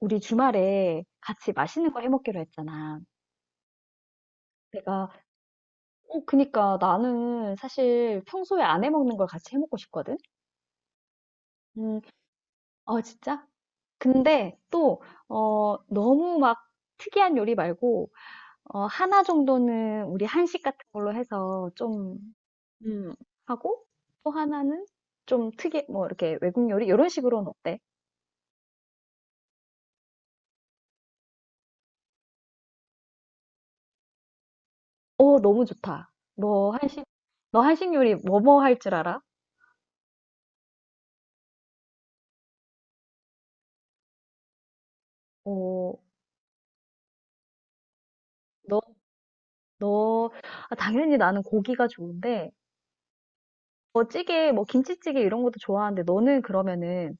우리 주말에 같이 맛있는 거 해 먹기로 했잖아. 내가, 그니까 나는 사실 평소에 안 해 먹는 걸 같이 해 먹고 싶거든? 음. 어, 진짜? 근데 또, 너무 막 특이한 요리 말고, 하나 정도는 우리 한식 같은 걸로 해서 좀, 음, 하고, 또 하나는 좀 뭐, 이렇게 외국 요리? 이런 식으로는 어때? 너무 좋다. 너 한식, 너 한식 요리 뭐뭐 할 줄 알아? 어, 너 너, 아, 당연히 나는 고기가 좋은데, 뭐 찌개, 뭐 김치찌개 이런 것도 좋아하는데, 너는 그러면은,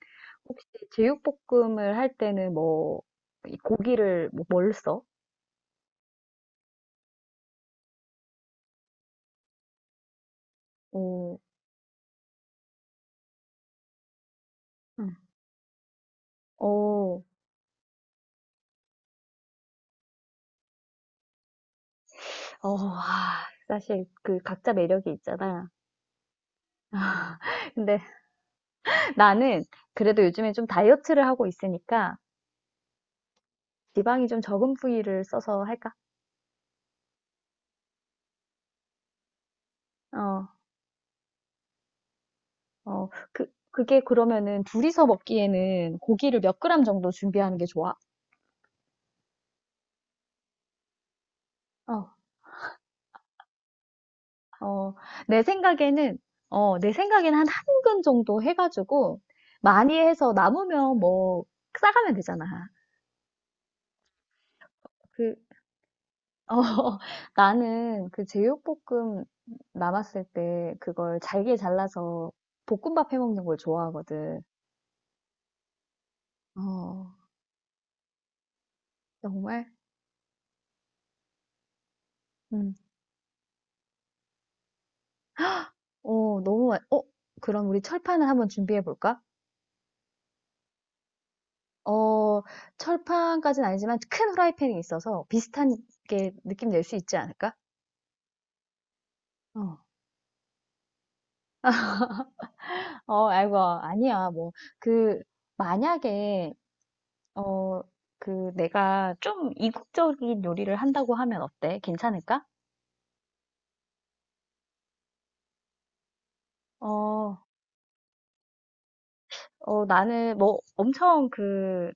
혹시 제육볶음을 할 때는 뭐, 이 고기를 뭐, 뭘 써? 어, 응. 어, 어, 아, 사실 그 각자 매력이 있잖아. 근데 나는 그래도 요즘에 좀 다이어트를 하고 있으니까, 지방이 좀 적은 부위를 써서 할까? 어, 어, 그게 그러면은 둘이서 먹기에는 고기를 몇 그램 정도 준비하는 게 좋아? 어. 어, 내 생각에는, 내 생각에는 한 한근 정도 해가지고, 많이 해서 남으면 뭐, 싸가면 되잖아. 그, 어, 나는 그 제육볶음 남았을 때 그걸 잘게 잘라서 볶음밥 해 먹는 걸 좋아하거든. 어, 정말? 음, 어, 너무, 맛- 어, 그럼 우리 철판을 한번 준비해 볼까? 어, 철판까지는 아니지만 큰 후라이팬이 있어서 비슷한 게 느낌 낼 수 있지 않을까? 어. 아이고, 아니야. 그, 만약에, 어, 내가 좀 이국적인 요리를 한다고 하면 어때? 괜찮을까? 어, 어, 나는 뭐, 엄청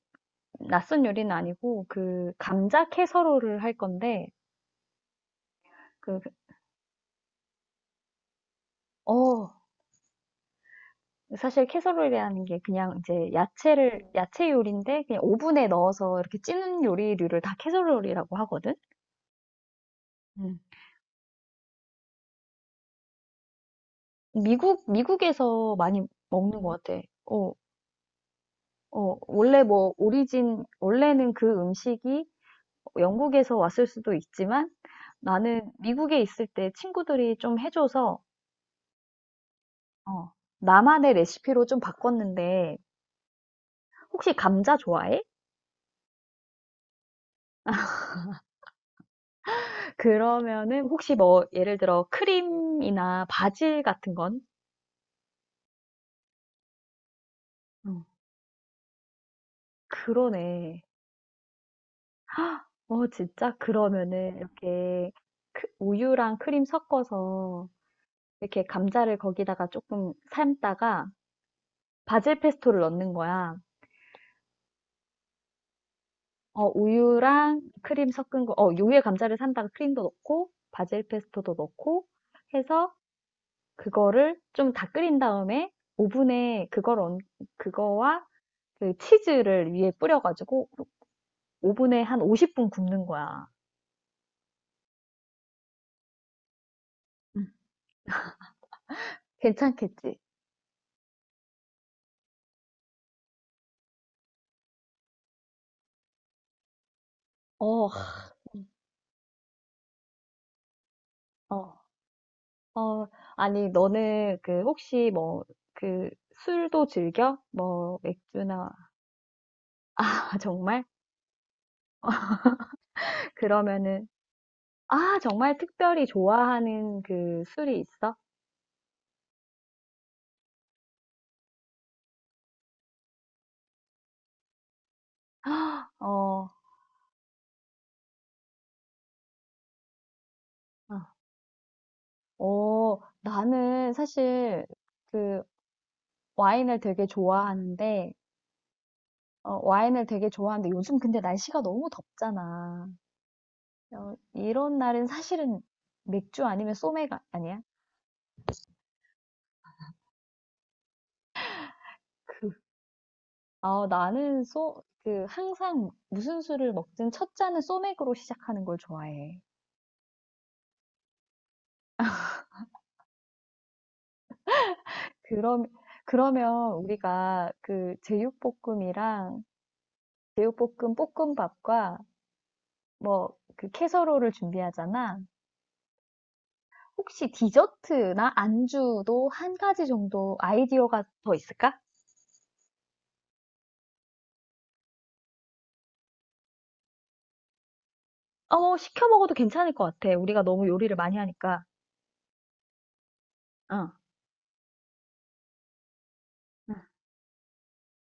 낯선 요리는 아니고, 그, 감자 캐서롤을 할 건데, 그, 어, 사실 캐서롤이라는 게 그냥 이제 야채 요리인데, 그냥 오븐에 넣어서 이렇게 찌는 요리류를 다 캐서롤이라고 하거든? 음. 미국에서 많이 먹는 것 같아. 어, 어, 원래 뭐, 오리진, 원래는 그 음식이 영국에서 왔을 수도 있지만 나는 미국에 있을 때 친구들이 좀 해줘서, 어, 나만의 레시피로 좀 바꿨는데, 혹시 감자 좋아해? 그러면은 혹시 뭐, 예를 들어 크림이나 바질 같은 건? 어, 그러네. 진짜? 그러면은 이렇게 우유랑 크림 섞어서 이렇게 감자를 거기다가 조금 삶다가 바질 페스토를 넣는 거야. 우유랑 크림 섞은 거, 우유에 감자를 산다가 크림도 넣고, 바질 페스토도 넣고 해서 그거를 좀 다 끓인 다음에 오븐에 그거와 그 치즈를 위에 뿌려가지고 오븐에 한 50분 굽는 거야. 음. 괜찮겠지? 어, 어. 어, 어, 아니, 너는 그 혹시 뭐, 그 술도 즐겨? 뭐, 맥주나, 아, 정말? 그러면은 정말 특별히 좋아하는 그 술이 있어? 어, 아, 나는 사실 그 와인을 되게 좋아하는데, 와인을 되게 좋아하는데 요즘 근데 날씨가 너무 덥잖아. 이런 날은 사실은 맥주 아니면 소맥 아, 아니야? 그, 나는 소, 그 항상 무슨 술을 먹든 첫 잔은 소맥으로 시작하는 걸 좋아해. 그럼, 그러면 우리가 그 제육볶음이랑 제육볶음 볶음밥과 뭐 그 캐서롤을 준비하잖아. 혹시 디저트나 안주도 한 가지 정도 아이디어가 더 있을까? 시켜 먹어도 괜찮을 것 같아. 우리가 너무 요리를 많이 하니까. 어,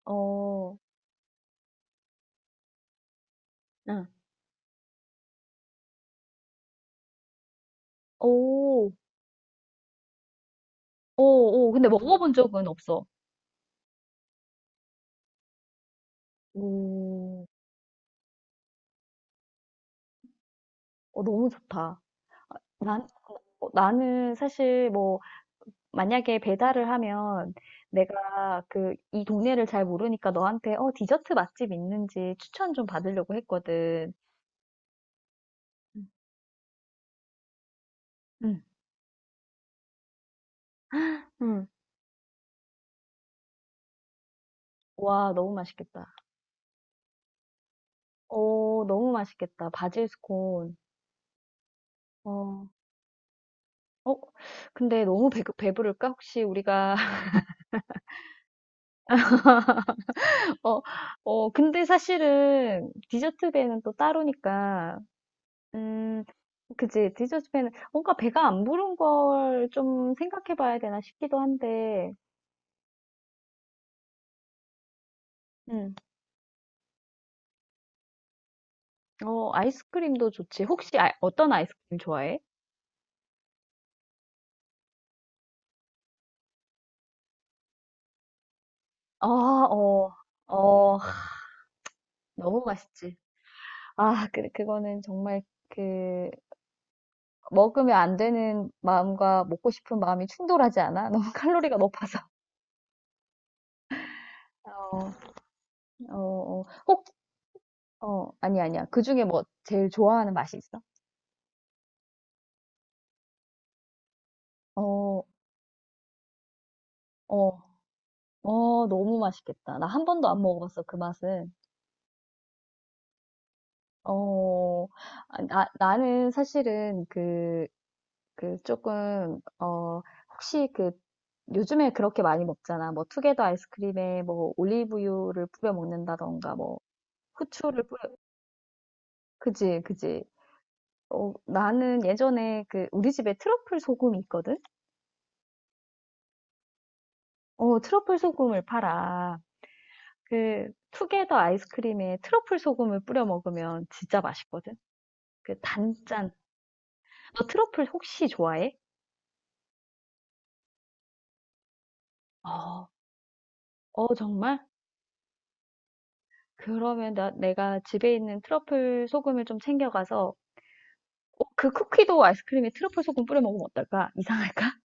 어, 응. 오, 오, 오. 근데 먹어본 적은 없어. 오, 너무 좋다. 난, 나는 사실 뭐 만약에 배달을 하면 내가 그 이 동네를 잘 모르니까 너한테 디저트 맛집 있는지 추천 좀 받으려고 했거든. 음. 응. 응. 와, 너무 맛있겠다. 너무 맛있겠다. 바질 스콘. 어. 어, 근데 너무 배부를까? 혹시 어, 어, 근데 사실은 디저트 배는 또 따로니까, 음, 그치. 디저트 배는 뭔가 배가 안 부른 걸 좀 생각해 봐야 되나 싶기도 한데, 음. 아이스크림도 좋지. 혹시 어떤 아이스크림 좋아해? 아, 어, 어, 너무 맛있지. 그거는 정말 그, 먹으면 안 되는 마음과 먹고 싶은 마음이 충돌하지 않아? 너무 칼로리가 높아서. 어, 어, 어, 혹, 아니, 아니야. 그 중에 뭐, 제일 좋아하는 맛이 있어? 어, 어, 너무 맛있겠다. 나 한 번도 안 먹어봤어, 그 맛은. 어, 나는 사실은 그, 그 조금 혹시 그 요즘에 그렇게 많이 먹잖아. 뭐 투게더 아이스크림에 뭐 올리브유를 뿌려 먹는다던가 뭐 후추를 뿌려 그지 그지. 나는 예전에 그 우리 집에 트러플 소금이 있거든. 트러플 소금을 팔아. 그 투게더 아이스크림에 트러플 소금을 뿌려 먹으면 진짜 맛있거든. 그 단짠. 너 트러플 혹시 좋아해? 어, 어 정말? 그러면 내가 집에 있는 트러플 소금을 좀 챙겨가서 그 쿠키도 아이스크림에 트러플 소금 뿌려 먹으면 어떨까? 이상할까?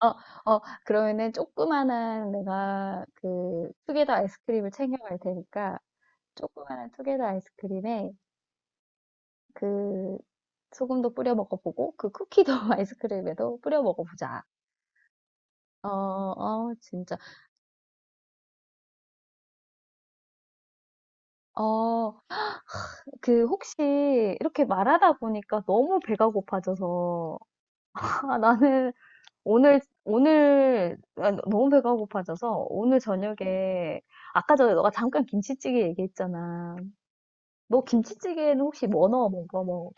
어, 어, 그러면은 조그만한 내가 그 투게더 아이스크림을 챙겨갈 테니까 조그만한 투게더 아이스크림에 그 소금도 뿌려 먹어보고 그 쿠키도 아이스크림에도 뿌려 먹어보자. 어, 어, 진짜. 어, 그 혹시 이렇게 말하다 보니까 너무 배가 고파져서 나는 너무 배가 고파져서 오늘 저녁에, 아까 전에 너가 잠깐 김치찌개 얘기했잖아. 너 김치찌개에는 혹시 뭐 넣어 먹어? 뭐,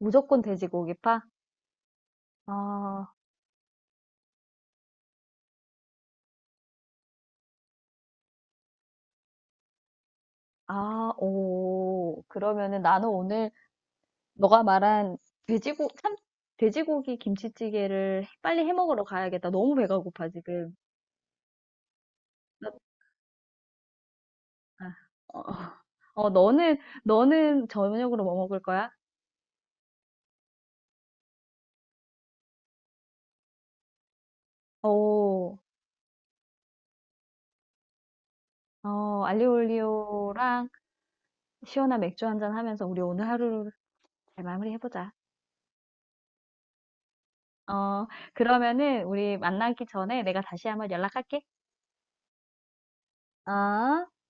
무조건 돼지고기파? 아, 아, 오. 그러면은 나는 오늘 너가 말한 돼지고, 참, 돼지고기 김치찌개를 빨리 해 먹으러 가야겠다. 너무 배가 고파, 지금. 나- 아, 어, 어, 너는, 너는 저녁으로 뭐 먹을 거야? 오, 알리오 올리오랑 시원한 맥주 한잔 하면서 우리 오늘 하루 잘 마무리해 보자. 어, 그러면은 우리 만나기 전에 내가 다시 한번 연락할게. 어?